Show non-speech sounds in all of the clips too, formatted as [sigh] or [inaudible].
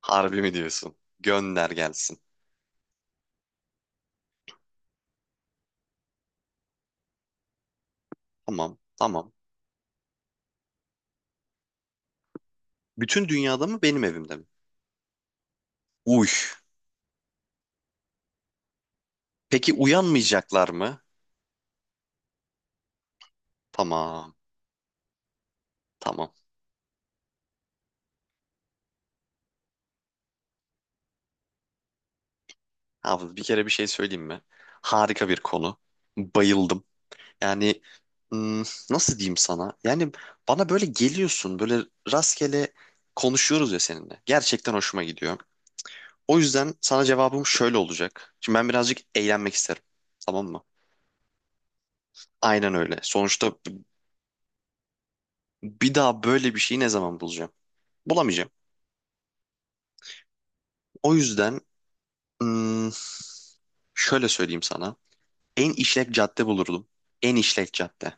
Harbi mi diyorsun? Gönder gelsin. Tamam, tamam. Bütün dünyada mı benim evimde mi? Uy. Peki uyanmayacaklar mı? Tamam, tamam. Abi bir kere bir şey söyleyeyim mi? Harika bir konu. Bayıldım. Yani hmm, nasıl diyeyim sana? Yani bana böyle geliyorsun, böyle rastgele konuşuyoruz ya seninle. Gerçekten hoşuma gidiyor. O yüzden sana cevabım şöyle olacak. Şimdi ben birazcık eğlenmek isterim. Tamam mı? Aynen öyle. Sonuçta bir daha böyle bir şeyi ne zaman bulacağım? Bulamayacağım. O yüzden hmm, şöyle söyleyeyim sana. En işlek cadde bulurdum. En işlek cadde.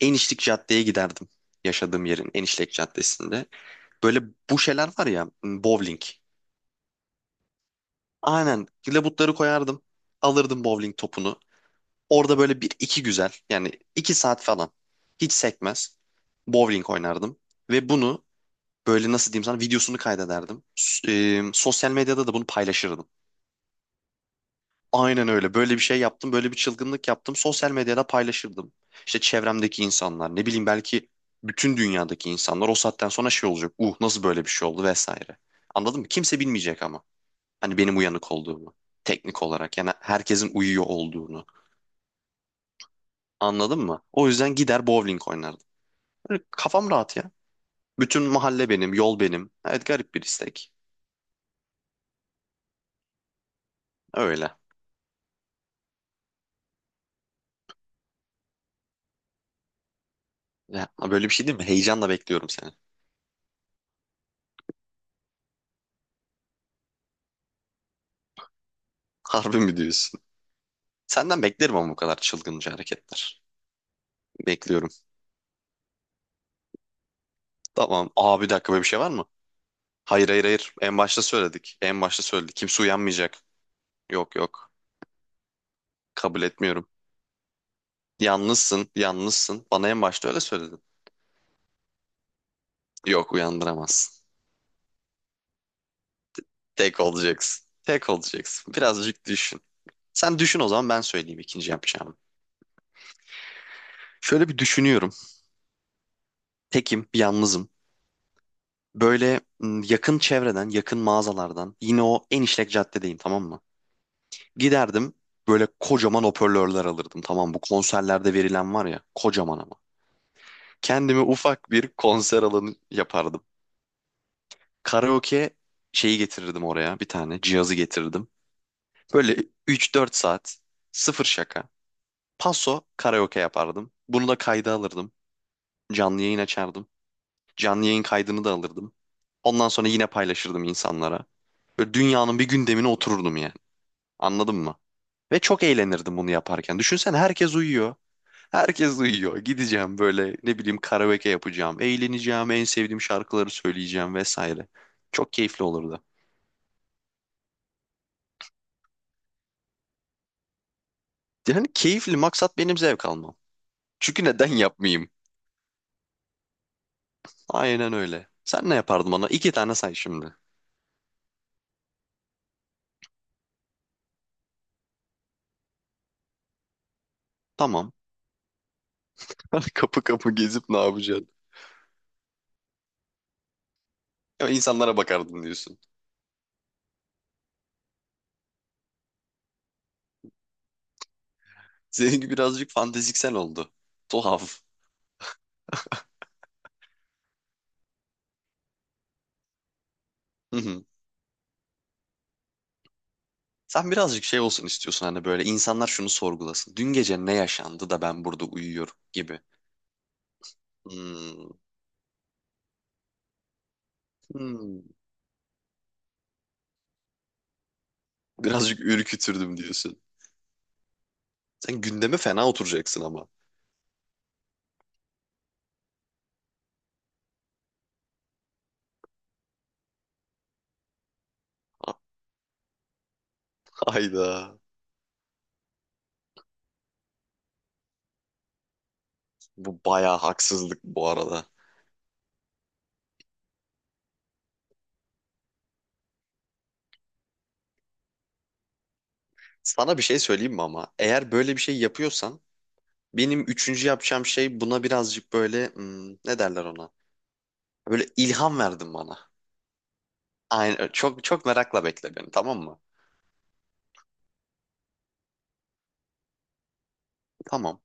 En işlek caddeye giderdim. Yaşadığım yerin en işlek caddesinde. Böyle bu şeyler var ya bowling. Aynen labutları koyardım. Alırdım bowling topunu. Orada böyle bir iki güzel yani iki saat falan hiç sekmez bowling oynardım. Ve bunu böyle nasıl diyeyim sana videosunu kaydederdim. Sosyal medyada da bunu paylaşırdım. Aynen öyle. Böyle bir şey yaptım, böyle bir çılgınlık yaptım. Sosyal medyada paylaşırdım. İşte çevremdeki insanlar, ne bileyim belki bütün dünyadaki insanlar o saatten sonra şey olacak. Nasıl böyle bir şey oldu vesaire. Anladın mı? Kimse bilmeyecek ama. Hani benim uyanık olduğumu. Teknik olarak yani herkesin uyuyor olduğunu. Anladın mı? O yüzden gider bowling oynardım. Böyle kafam rahat ya. Bütün mahalle benim, yol benim. Evet garip bir istek. Öyle. Ya, böyle bir şey değil mi? Heyecanla bekliyorum seni. Harbi mi diyorsun? Senden beklerim ama bu kadar çılgınca hareketler. Bekliyorum. Tamam. Aa bir dakika böyle bir şey var mı? Hayır hayır hayır. En başta söyledik. En başta söyledik. Kimse uyanmayacak. Yok yok. Kabul etmiyorum. Yalnızsın. Yalnızsın. Bana en başta öyle söyledin. Yok uyandıramazsın. Tek olacaksın. Tek olacaksın. Birazcık düşün. Sen düşün o zaman ben söyleyeyim ikinci yapacağımı. Şöyle bir düşünüyorum. Tekim, yalnızım. Böyle yakın çevreden, yakın mağazalardan. Yine o en işlek caddedeyim tamam mı? Giderdim böyle kocaman hoparlörler alırdım. Tamam mı? Bu konserlerde verilen var ya kocaman ama. Kendime ufak bir konser alanı yapardım. Karaoke şeyi getirirdim oraya bir tane cihazı getirirdim. Böyle üç dört saat sıfır şaka. Paso karaoke yapardım. Bunu da kayda alırdım. Canlı yayın açardım. Canlı yayın kaydını da alırdım. Ondan sonra yine paylaşırdım insanlara. Böyle dünyanın bir gündemine otururdum yani. Anladın mı? Ve çok eğlenirdim bunu yaparken. Düşünsen herkes uyuyor. Herkes uyuyor. Gideceğim böyle ne bileyim karaoke yapacağım. Eğleneceğim. En sevdiğim şarkıları söyleyeceğim vesaire. Çok keyifli olurdu. Yani keyifli maksat benim zevk almam. Çünkü neden [laughs] yapmayayım? Aynen öyle. Sen ne yapardın bana? İki tane say şimdi. Tamam. [laughs] Kapı kapı gezip ne yapacaksın? Ya insanlara bakardın diyorsun. Seninki birazcık fanteziksel oldu. Tuhaf. Hı hı. Sen birazcık şey olsun istiyorsun hani böyle insanlar şunu sorgulasın. Dün gece ne yaşandı da ben burada uyuyorum gibi. Hmm. Hmm. Birazcık ürkütürdüm diyorsun. Sen gündeme fena oturacaksın ama. [laughs] Hayda. Bu bayağı haksızlık bu arada. Sana bir şey söyleyeyim mi ama? Eğer böyle bir şey yapıyorsan benim üçüncü yapacağım şey buna birazcık böyle ne derler ona? Böyle ilham verdin bana. Aynen çok çok merakla bekle beni tamam mı? Tamam.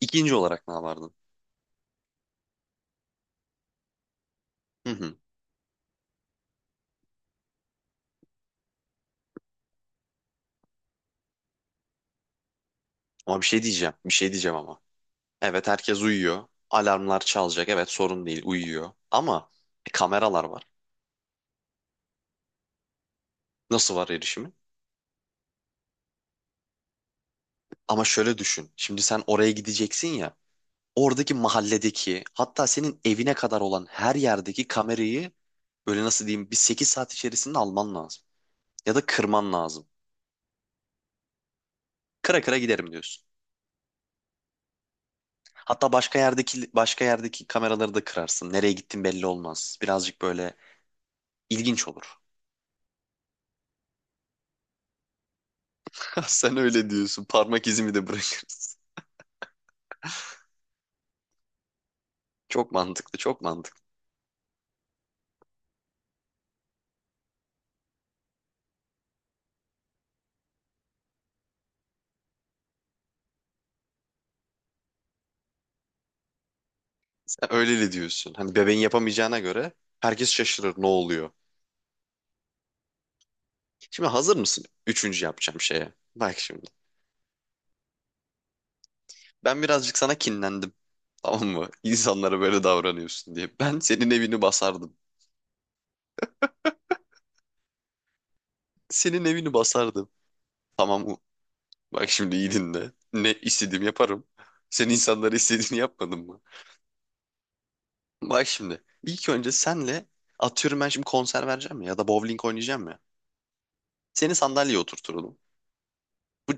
İkinci olarak ne yapardın? Hı hı. Ama bir şey diyeceğim. Bir şey diyeceğim ama. Evet herkes uyuyor. Alarmlar çalacak. Evet sorun değil uyuyor. Ama kameralar var. Nasıl var erişimi? Ama şöyle düşün. Şimdi sen oraya gideceksin ya. Oradaki mahalledeki hatta senin evine kadar olan her yerdeki kamerayı böyle nasıl diyeyim bir 8 saat içerisinde alman lazım. Ya da kırman lazım. Kıra kıra giderim diyorsun. Hatta başka yerdeki başka yerdeki kameraları da kırarsın. Nereye gittin belli olmaz. Birazcık böyle ilginç olur. [laughs] Sen öyle diyorsun. Parmak izimi de bırakırız. Çok mantıklı, çok mantıklı. Sen öyle de diyorsun. Hani bebeğin yapamayacağına göre herkes şaşırır ne oluyor. Şimdi hazır mısın? Üçüncü yapacağım şeye. Bak şimdi. Ben birazcık sana kinlendim. Tamam mı? [laughs] İnsanlara böyle davranıyorsun diye. Ben senin evini basardım. Senin evini basardım. Tamam mı? Bak şimdi iyi dinle. Ne istediğim yaparım. Sen insanlara istediğini yapmadın mı? Bak şimdi. İlk önce senle atıyorum ben şimdi konser vereceğim ya ya da bowling oynayacağım ya. Seni sandalyeye oturturdum. Bu,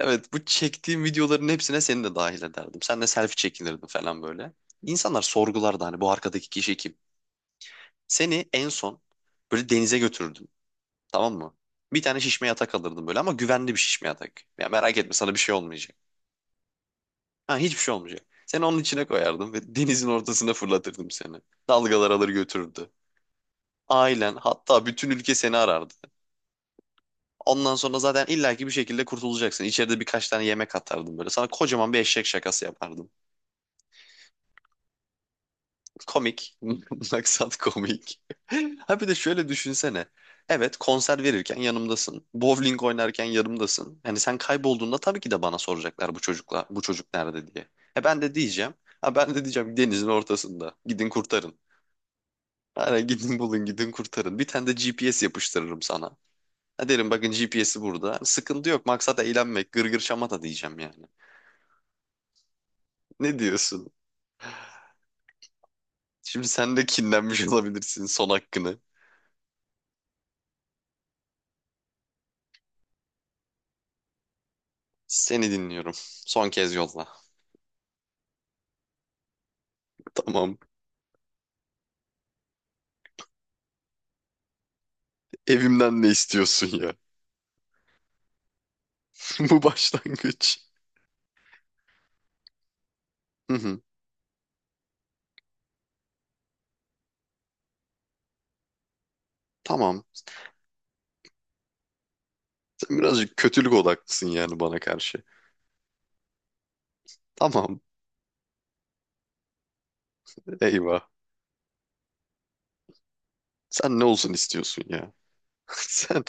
evet bu çektiğim videoların hepsine seni de dahil ederdim. Senle selfie çekinirdim falan böyle. İnsanlar sorgulardı hani bu arkadaki kişi kim? Seni en son böyle denize götürürdüm, tamam mı? Bir tane şişme yatak alırdım böyle ama güvenli bir şişme yatak. Ya merak etme sana bir şey olmayacak. Ha hiçbir şey olmayacak. Seni onun içine koyardım ve denizin ortasına fırlatırdım seni. Dalgalar alır götürürdü. Ailen hatta bütün ülke seni arardı. Ondan sonra zaten illaki bir şekilde kurtulacaksın. İçeride birkaç tane yemek atardım böyle. Sana kocaman bir eşek şakası yapardım. Komik. [laughs] Maksat komik. [laughs] Ha bir de şöyle düşünsene. Evet konser verirken yanımdasın. Bowling oynarken yanımdasın. Hani sen kaybolduğunda tabii ki de bana soracaklar bu çocukla bu çocuk nerede diye. E ben de diyeceğim. Ha ben de diyeceğim denizin ortasında. Gidin kurtarın. Hani gidin bulun gidin kurtarın. Bir tane de GPS yapıştırırım sana. Ha derim bakın GPS'i burada. Sıkıntı yok maksat eğlenmek gırgır şamata diyeceğim yani. Ne diyorsun? Şimdi sen de kinlenmiş olabilirsin son hakkını. Seni dinliyorum. Son kez yolla. Tamam. Evimden ne istiyorsun ya? [laughs] Bu başlangıç. Hı hı. Tamam. Sen birazcık kötülük odaklısın yani bana karşı. Tamam. Eyvah. Sen ne olsun istiyorsun ya? [laughs] Sen.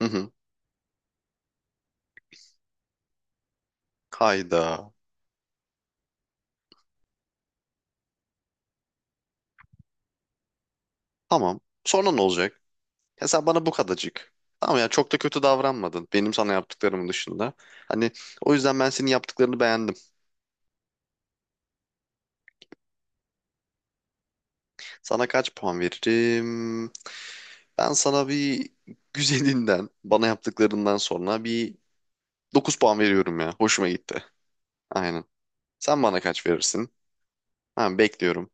Hı hı. Hayda. Tamam. Sonra ne olacak? Ya sen bana bu kadarcık. Tamam ya çok da kötü davranmadın benim sana yaptıklarımın dışında. Hani o yüzden ben senin yaptıklarını beğendim. Sana kaç puan veririm? Ben sana bir güzelinden, bana yaptıklarından sonra bir 9 puan veriyorum ya. Hoşuma gitti. Aynen. Sen bana kaç verirsin? Tamam bekliyorum.